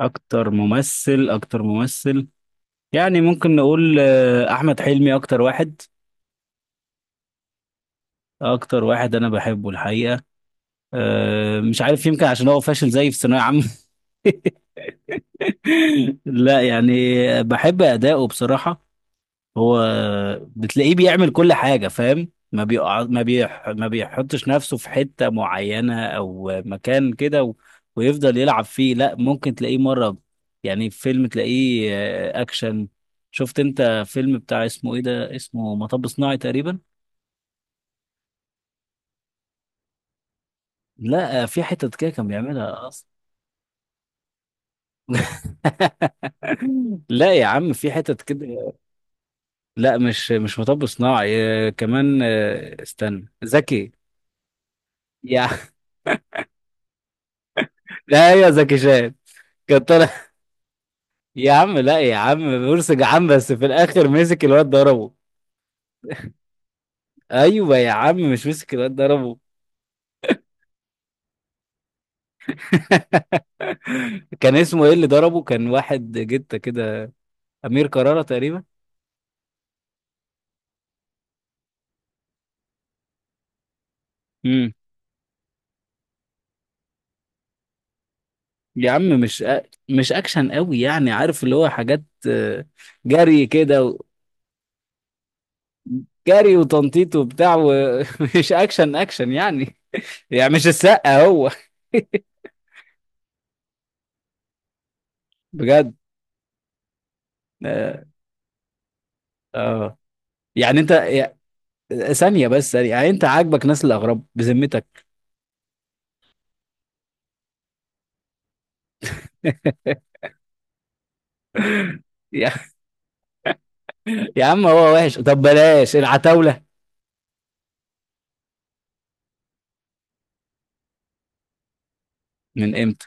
اكتر ممثل يعني ممكن نقول احمد حلمي اكتر واحد. انا بحبه الحقيقه. مش عارف، يمكن عشان هو فاشل زيي في ثانويه عامه. لا يعني، بحب اداؤه بصراحه. هو بتلاقيه بيعمل كل حاجة، فاهم؟ ما بيقع، ما بيحطش نفسه في حتة معينة أو مكان كده و... ويفضل يلعب فيه. لا، ممكن تلاقيه مرة يعني في فيلم تلاقيه أكشن. شفت أنت فيلم بتاع اسمه إيه ده؟ اسمه مطب صناعي تقريبا. لا في حتت كده كان بيعملها أصلا. لا يا عم، في حتت كده. لا، مش مطب صناعي. كمان استنى زكي. يا لا، يا زكي شان كان طالع. يا عم لا يا عم، بورسج يا عم، بس في الاخر مسك الواد ضربه. ايوه يا عم، مش مسك الواد ضربه؟ كان اسمه ايه اللي ضربه؟ كان واحد جته كده، امير كرارة تقريبا. امم، يا عم مش مش اكشن قوي، يعني عارف اللي هو حاجات. آه، جري كده و... جري وتنطيط وبتاع ومش اكشن اكشن يعني. يعني مش السقا هو. بجد. اه. آه. يعني انت ثانية بس، ثانية يعني، انت عاجبك ناس الاغراب بذمتك؟ يا يا عم هو وحش، طب بلاش العتاولة. من امتى؟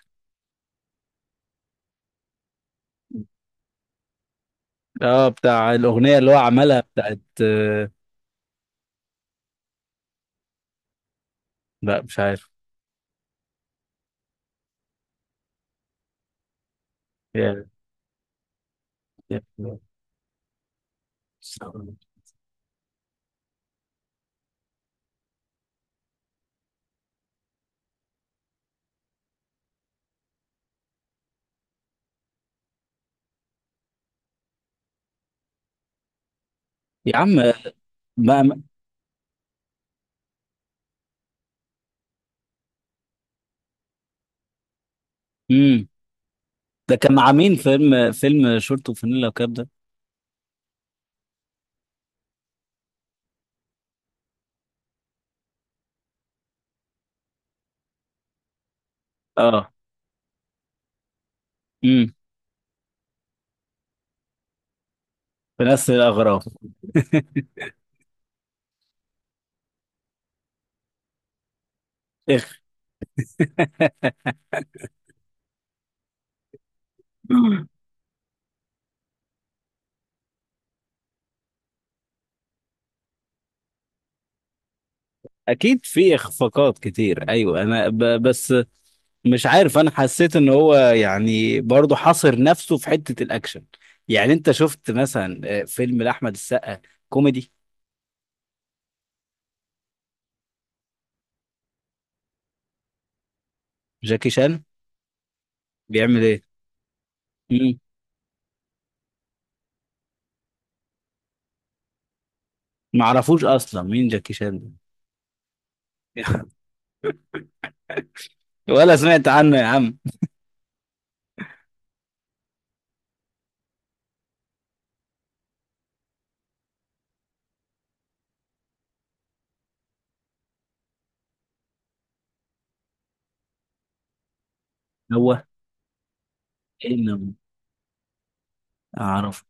اه، بتاع الأغنية اللي هو عملها بتاعت لا مش عارف. يا يا يا عم، ما ما- امم، ده كان مع مين فيلم شورت وفانيلا وكاب ده؟ اه. امم. في نفس الأغراض. إخ- اكيد في اخفاقات كتير، ايوه انا بس مش عارف، انا حسيت ان هو يعني برضه حاصر نفسه في حتة الاكشن. يعني انت شفت مثلا فيلم لاحمد السقا كوميدي؟ جاكي شان بيعمل ايه؟ مم. معرفوش اصلا مين جاكي شان ده. ولا سمعت عنه يا عم. هو ايه النوة؟ اعرف.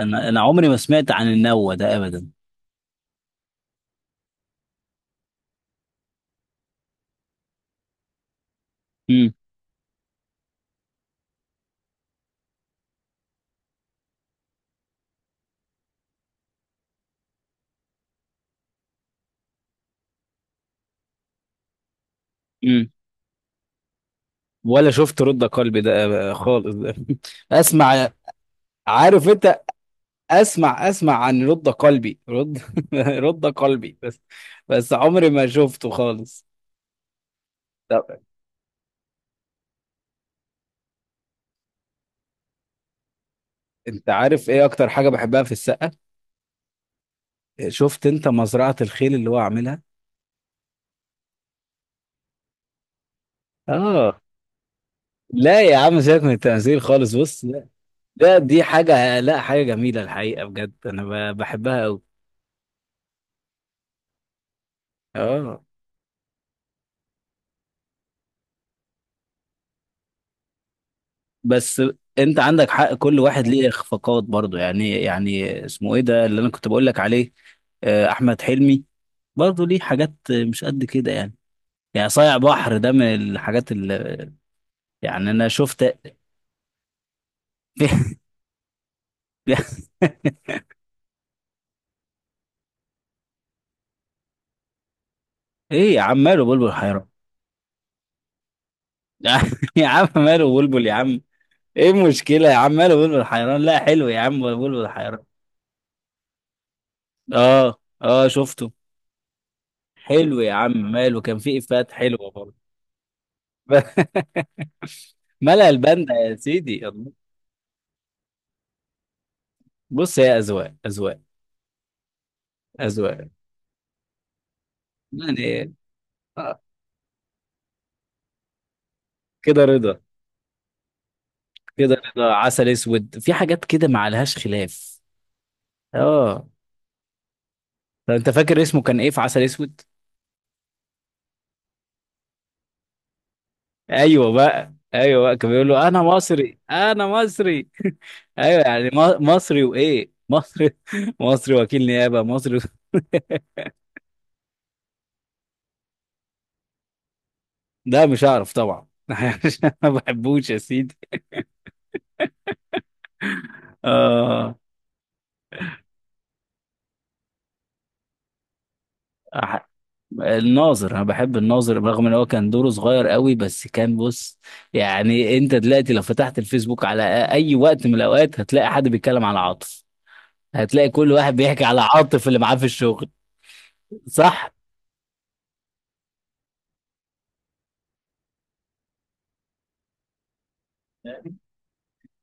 انا عمري ما سمعت عن النوة ده ابدا. مم. مم. ولا شفت رد قلبي ده؟ خالص ده. اسمع، عارف انت، اسمع اسمع، عن رد قلبي، رد رد قلبي بس، بس عمري ما شفته خالص. طب انت عارف ايه اكتر حاجه بحبها في السقا؟ شفت انت مزرعه الخيل اللي هو عاملها؟ اه. لا يا عم سيبك من التمثيل خالص، بص لا، ده دي حاجه، لا حاجه جميله الحقيقه، بجد انا بحبها قوي. اه، بس انت عندك حق، كل واحد ليه اخفاقات برضه يعني. يعني اسمه ايه ده اللي انا كنت بقول لك عليه؟ احمد حلمي برضه ليه حاجات مش قد كده يعني. يعني صايع بحر ده من الحاجات اللي يعني انا شفت. ايه يا عم ماله بلبل حيران؟ يا عم ماله بلبل يا عم؟ ايه المشكلة يا عم ماله بلبل حيران؟ لا حلو يا عم بلبل حيران. اه اه شفته. حلو يا عم ماله، كان فيه افات حلوة برضه. ملأ الباندا يا سيدي الله. بص، هي اذواق اذواق اذواق يعني. آه. كده رضا، كده رضا، عسل اسود، في حاجات كده ما عليهاش خلاف. اه. طب انت فاكر اسمه كان ايه في عسل اسود؟ ايوه بقى، ايوه بقى، كان بيقول له انا مصري انا مصري. ايوه يعني مصري، وايه مصري؟ مصري وكيل نيابه مصري. ده مش هعرف طبعا. عشان ما بحبوش يا سيدي. آه. أح- الناظر، انا بحب الناظر، رغم ان هو كان دوره صغير قوي بس كان، بص، يعني انت دلوقتي لو فتحت الفيسبوك على اي وقت من الاوقات هتلاقي حد بيتكلم على عاطف. هتلاقي كل واحد بيحكي على عاطف اللي معاه في الشغل. صح،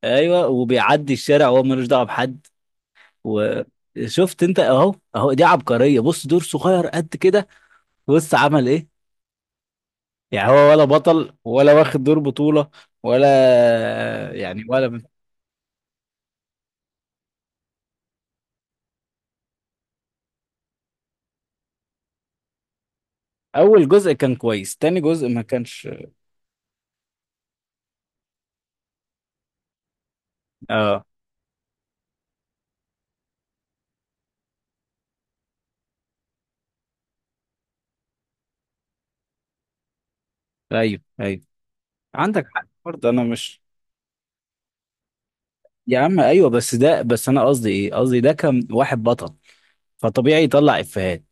ايوه، وبيعدي الشارع وهو ملوش دعوه بحد. وشفت انت؟ اهو اهو، دي عبقريه، بص دور صغير قد كده بص عمل ايه. يعني هو ولا بطل ولا واخد دور بطوله ولا يعني ولا. اول جزء كان كويس، تاني جزء ما كانش. اه. ايوه ايوه عندك حق برضه، انا مش، يا عم ايوه بس ده، بس انا قصدي ايه؟ قصدي ده كان واحد بطل، فطبيعي يطلع افيهات،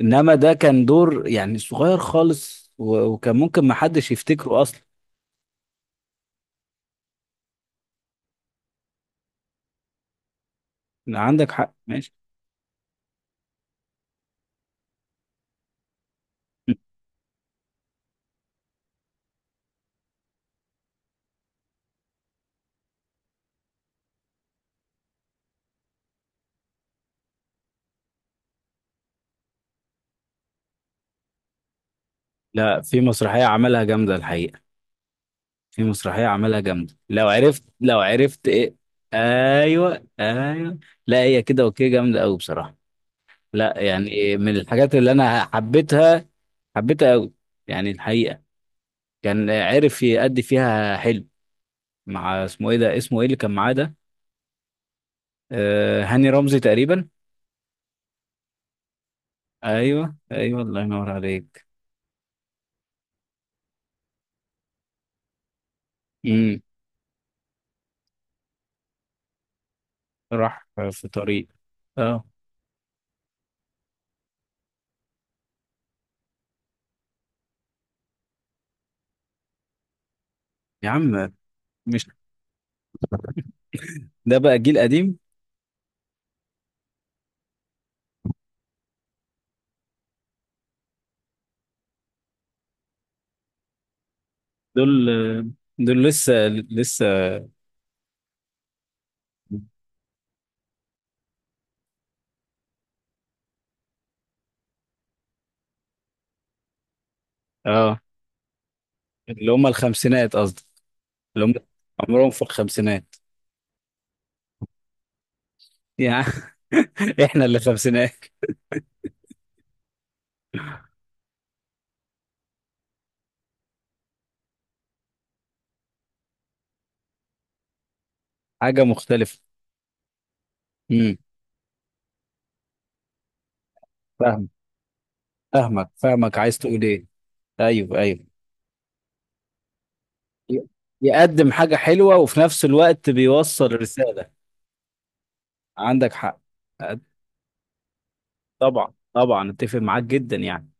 انما ده كان دور يعني صغير خالص وكان ممكن ما حدش يفتكره اصلا. لا، عندك حق، ماشي. لا، في مسرحية عملها جامدة الحقيقة. في مسرحية عملها جامدة، لو عرفت لو عرفت ايه؟ ايوه ايوه. لا هي كده اوكي، جامدة قوي بصراحة. لا يعني من الحاجات اللي انا حبيتها، حبيتها قوي يعني الحقيقة. كان عرف يأدي فيها حلو، مع اسمه ايه ده، اسمه ايه اللي كان معاه ده؟ آه هاني رمزي تقريبا. ايوه ايوه الله ينور عليك. امم. راح في طريق. اه. يا عم مش ده بقى جيل قديم. دول دول لسه، لسه. اه. اللي هم الخمسينات قصدي، اللي هم عمرهم في الخمسينات يعني. احنا اللي خمسينات. حاجة مختلفة. امم. فاهم، فاهمك فاهمك، عايز تقول ايه؟ ايوه ايوه، ي- يقدم حاجة حلوة وفي نفس الوقت بيوصل رسالة. عندك حق. أه، طبعا طبعا اتفق معاك جدا يعني.